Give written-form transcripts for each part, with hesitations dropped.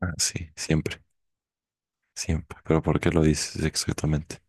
Ah, sí, siempre, siempre. Pero ¿por qué lo dices exactamente?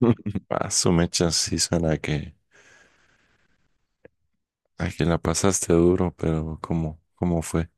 Ah, su mecha sí suena a que la pasaste duro, pero ¿cómo fue?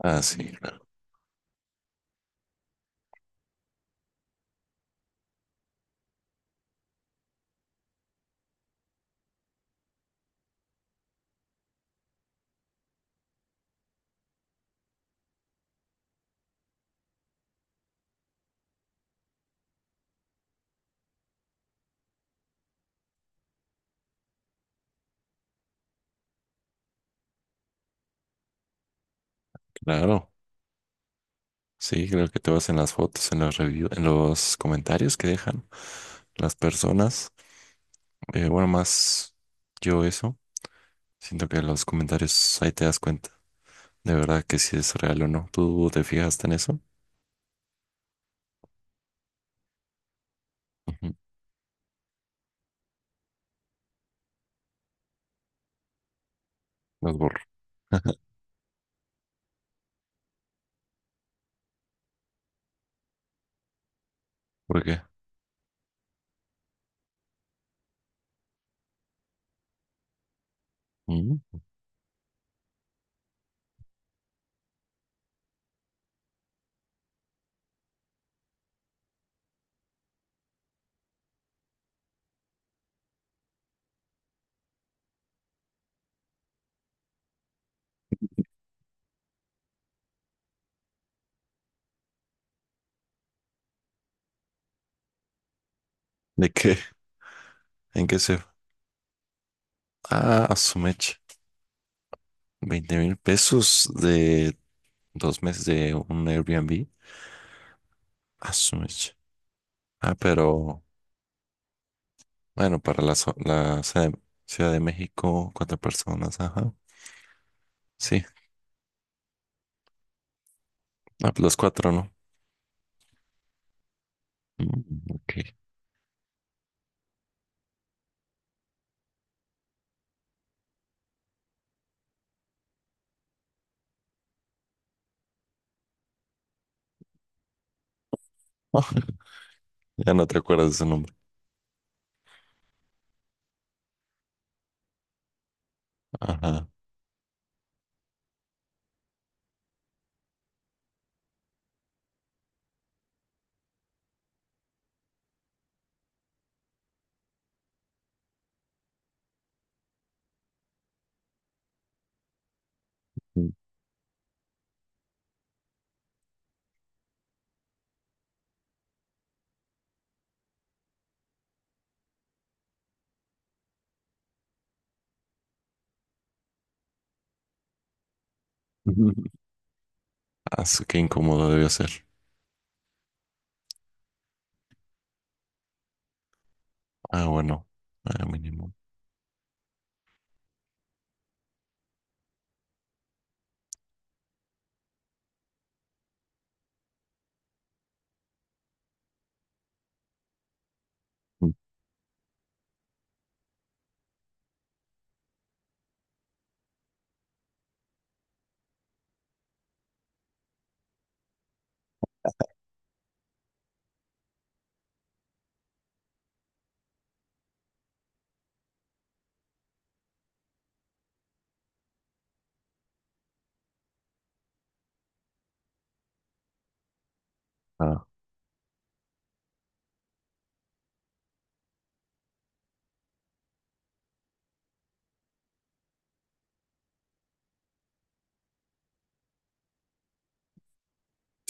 Ah, sí, claro, claro. Sí, creo que te vas en las fotos, en los reviews, en los comentarios que dejan las personas. Bueno, más yo eso. Siento que los comentarios ahí te das cuenta de verdad que si es real o no. ¿Tú te fijaste en eso? Ujú. Los borro. ¿Por qué? Mm. ¿De qué? ¿En qué se? Ah, su mecha. 20,000 pesos de dos meses de un Airbnb. A su mecha. Ah, pero bueno, para la Ciudad de México, cuatro personas, ajá. Sí, ah, pues los cuatro, ¿no? Mm, ok. Ya no te acuerdas de su nombre. Ajá. Mm. Ah, qué incómodo debió ser. Ah, bueno, mínimo. Mm. Ah,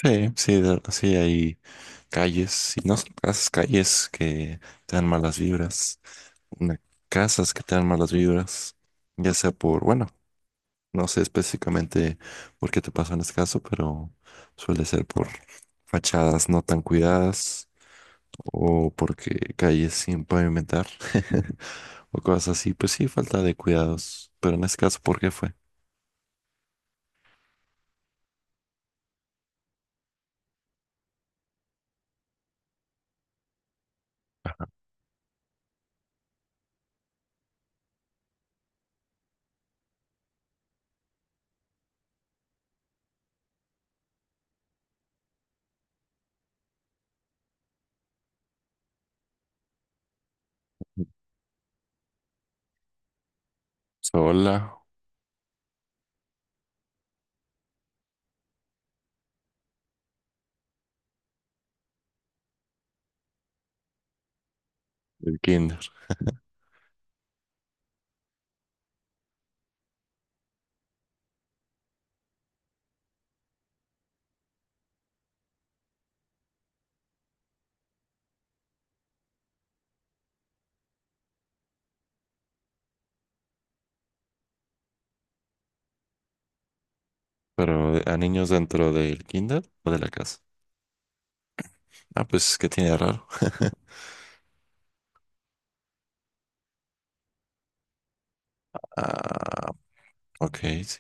sí, sí, sí hay calles, y no son casas, calles que te dan malas vibras. una- Casas que te dan malas vibras, ya sea por, bueno, no sé específicamente por qué te pasó en este caso, pero suele ser por fachadas no tan cuidadas o porque calles sin pavimentar o cosas así. Pues sí, falta de cuidados, pero en este caso, ¿por qué fue? Sola, el kinder, pero a niños dentro del kinder o de la casa. Ah, pues, ¿qué tiene de raro? Ah, ok, sí.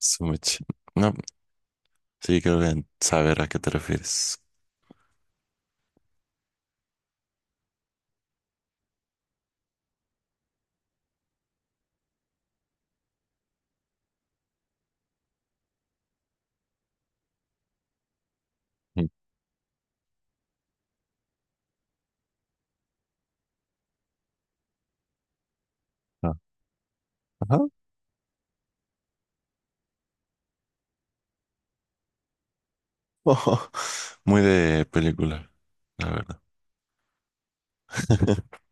Su mecha- No, sí, creo que saber a qué te refieres. Mm. Ajá. Ojo. Muy de película, la verdad.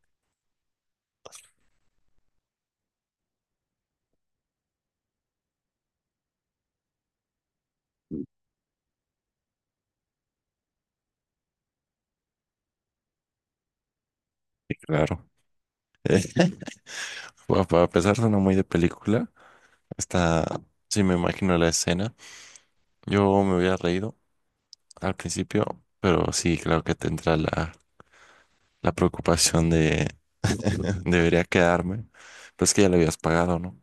Sí, claro. Eh, bueno, para pesar suena muy de película. Está, sí me imagino la escena. Yo me había reído al principio, pero sí claro que tendrá la preocupación de debería quedarme. Pero es que ya le habías pagado, ¿no?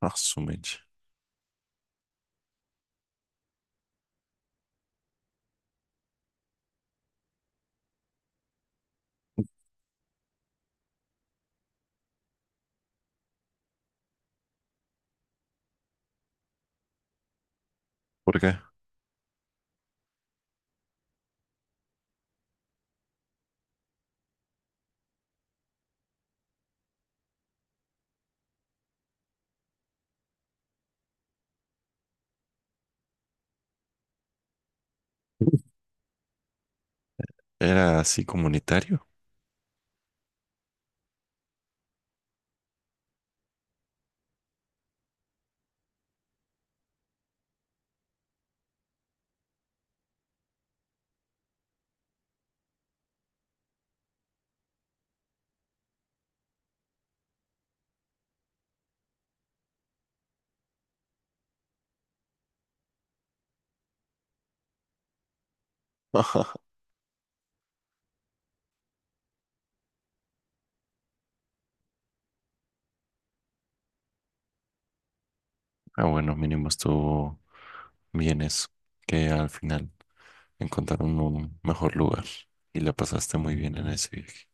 Ah, su mecha. ¿Por qué? ¿Era así comunitario? Ah, bueno, mínimo estuvo bien eso, que al final. Encontrar un mejor lugar. Y la pasaste muy bien en ese viaje.